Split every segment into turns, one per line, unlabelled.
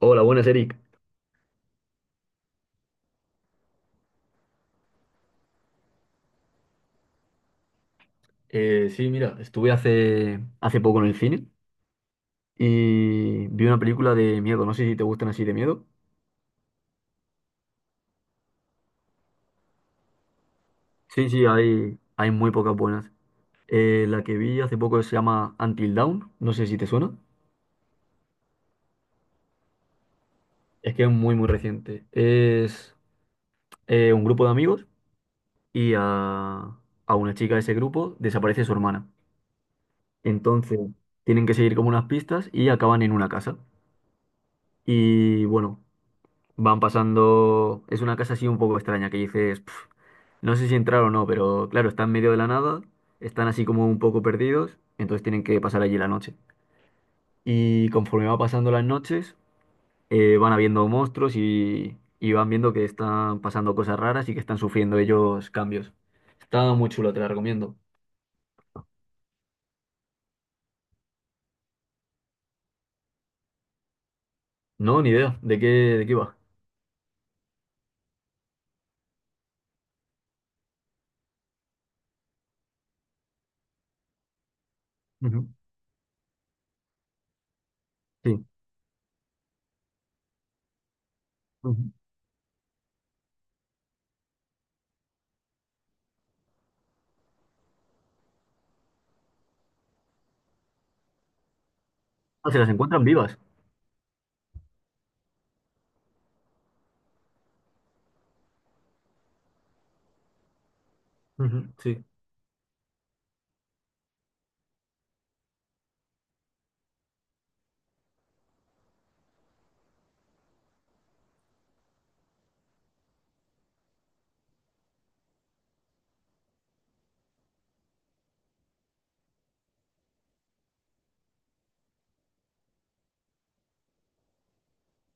Hola, buenas, Eric. Sí, mira, estuve hace poco en el cine y vi una película de miedo. No sé si te gustan así de miedo. Sí, sí, hay muy pocas buenas. La que vi hace poco se llama Until Dawn. No sé si te suena. Es que es muy, muy reciente. Es un grupo de amigos y a una chica de ese grupo desaparece su hermana. Entonces tienen que seguir como unas pistas y acaban en una casa. Y bueno. Van pasando. Es una casa así un poco extraña que dices, "Pf, no sé si entrar o no", pero claro, están en medio de la nada, están así como un poco perdidos, entonces tienen que pasar allí la noche. Y conforme va pasando las noches, van habiendo monstruos y van viendo que están pasando cosas raras y que están sufriendo ellos cambios. Está muy chulo, te la recomiendo. No, ni idea de qué va. Ujú. Sí. Ujú. Ah, se las encuentran vivas. Ujú, sí.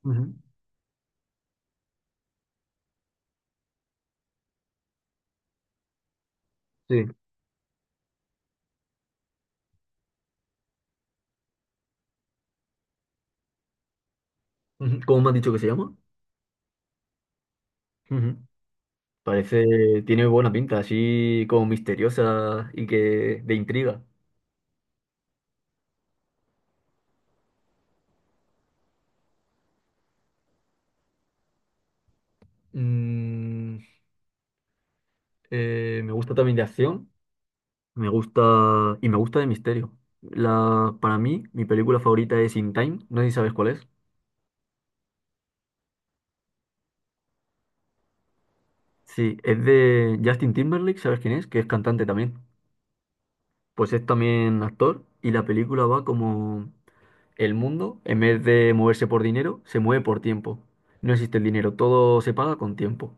Ujú. Sí. Ujú. ¿Cómo me han dicho que se llama? Ujú. Parece, tiene buena pinta, así como misteriosa y que de intriga. Mm, me gusta también de acción, me gusta de misterio. La, para mí, mi película favorita es In Time, no sé si sabes cuál es. Sí, es de Justin Timberlake, ¿sabes quién es? Que es cantante también. Pues es también actor y la película va como el mundo, en vez de moverse por dinero, se mueve por tiempo. No existe el dinero, todo se paga con tiempo.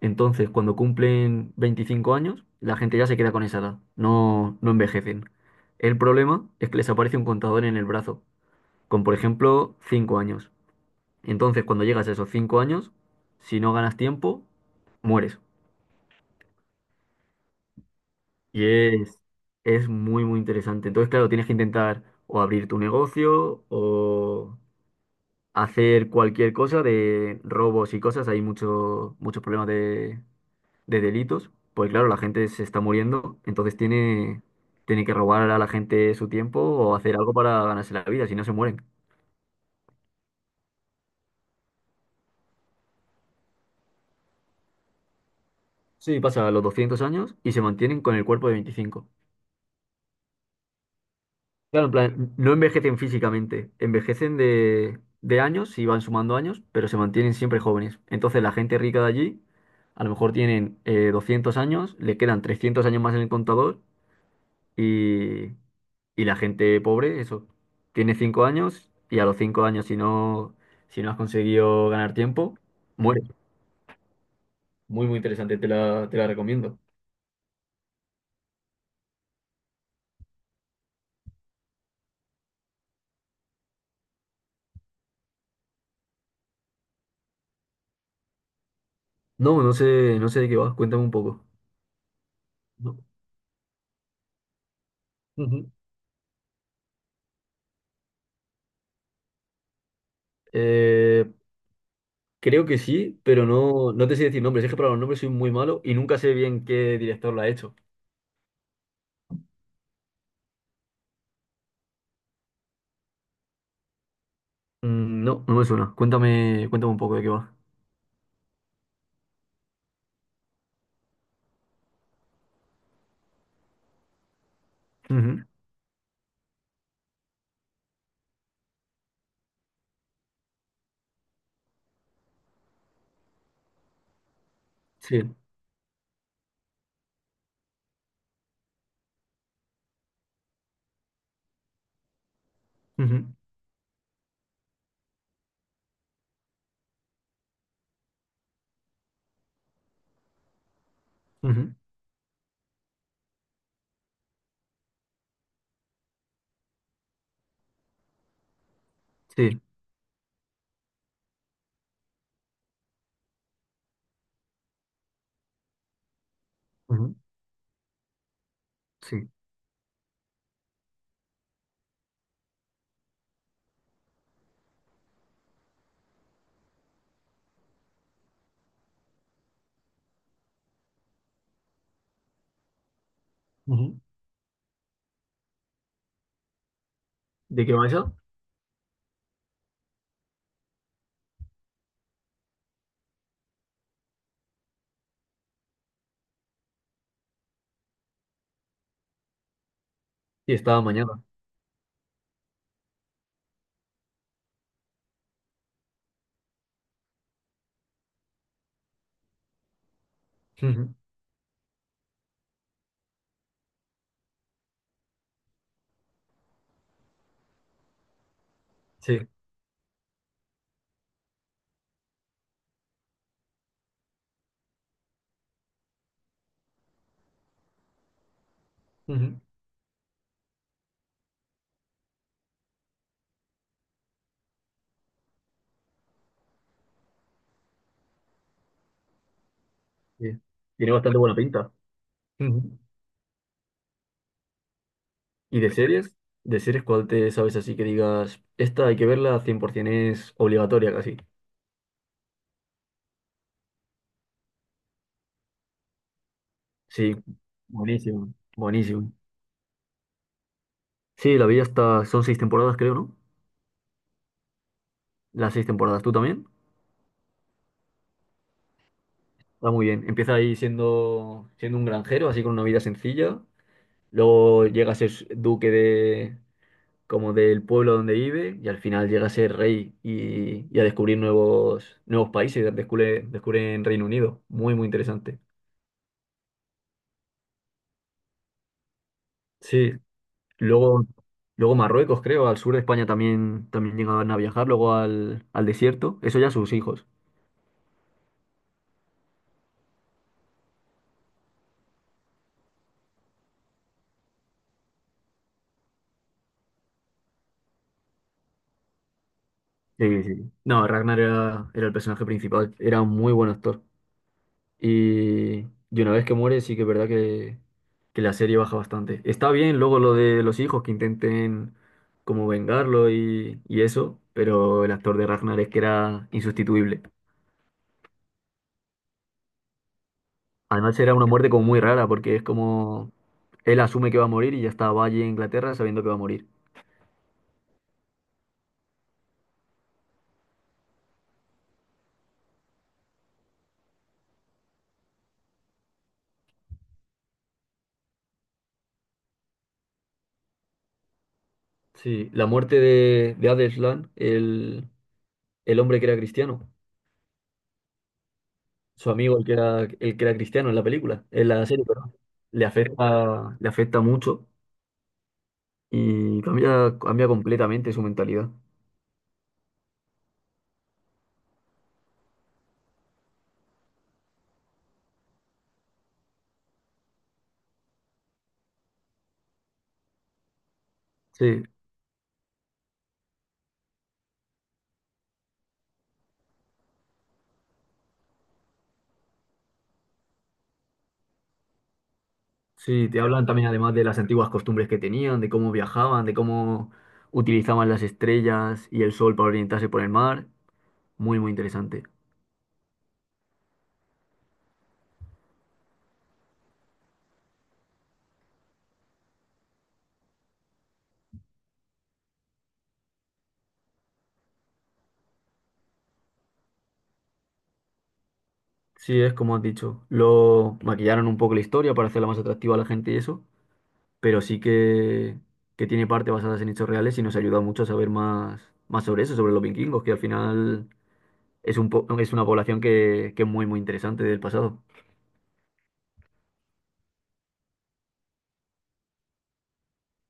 Entonces, cuando cumplen 25 años, la gente ya se queda con esa edad, no envejecen. El problema es que les aparece un contador en el brazo, con por ejemplo 5 años. Entonces, cuando llegas a esos 5 años, si no ganas tiempo, mueres. Y es, es muy, muy interesante. Entonces, claro, tienes que intentar o abrir tu negocio o hacer cualquier cosa de robos y cosas. Hay muchos problemas de delitos, pues claro, la gente se está muriendo, entonces tiene que robar a la gente su tiempo o hacer algo para ganarse la vida, si no se mueren. Sí, pasa los 200 años y se mantienen con el cuerpo de 25. Claro, en plan, no envejecen físicamente, envejecen de años y van sumando años, pero se mantienen siempre jóvenes. Entonces la gente rica de allí, a lo mejor tienen 200 años, le quedan 300 años más en el contador. Y, y la gente pobre, eso, tiene 5 años y a los 5 años si no has conseguido ganar tiempo, muere. Muy, muy interesante, te la recomiendo. No, no sé de qué vas, cuéntame un poco. No. Ujú. Eh, Creo que sí, pero no, no te sé decir nombres. Es que para los nombres soy muy malo y nunca sé bien qué director la ha hecho. Mm, no, no me suena. Cuéntame un poco de qué va. Ujú. Sí. Ujú. Ujú. Sí. Ujú. Sí. Ujú. ¿De qué va esa? Sí, estaba mañana. Ujú. Sí. Ujú, sí. Tiene bastante buena pinta. Ujú. ¿Y de series? ¿De series cuál te sabes así que digas, esta hay que verla 100% es obligatoria casi? Sí, buenísimo, buenísimo. Sí, la vi hasta, son 6 temporadas creo, ¿no? Las 6 temporadas, ¿tú también? Está muy bien. Empieza ahí siendo un granjero, así con una vida sencilla. Luego llega a ser duque de, como del pueblo donde vive y al final llega a ser rey y a descubrir nuevos países, descubre en Reino Unido. Muy, muy interesante. Sí, luego, luego Marruecos, creo, al sur de España también, también llegaban a viajar, luego al desierto, eso ya sus hijos. Sí, sí. No, Ragnar era el personaje principal, era un muy buen actor. Y, y una vez que muere, sí que es verdad que la serie baja bastante. Está bien luego lo de los hijos que intenten como vengarlo y eso, pero el actor de Ragnar es que era insustituible. Además era una muerte como muy rara porque es como él asume que va a morir y ya está, va allí a Inglaterra sabiendo que va a morir. Sí, la muerte de Adelsland, el hombre que era cristiano, su amigo el que era cristiano en la película, en la serie, perdón, le afecta mucho y cambia completamente su mentalidad. Sí, sí, te hablan también además de las antiguas costumbres que tenían, de cómo viajaban, de cómo utilizaban las estrellas y el sol para orientarse por el mar. Muy, muy interesante. Sí, es como has dicho. Lo maquillaron un poco la historia para hacerla más atractiva a la gente y eso, pero sí que tiene parte basadas en hechos reales y nos ayuda mucho a saber más sobre eso, sobre los vikingos, que al final es una población que es muy, muy interesante del pasado.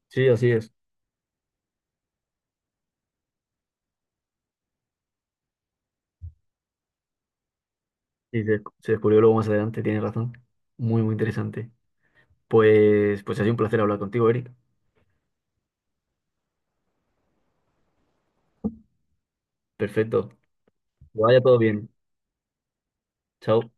Sí, así es. Sí, se descubrió luego más adelante, tienes razón. Muy, muy interesante. Pues ha sido un placer hablar contigo, Eric. Perfecto. Que vaya todo bien. Chao.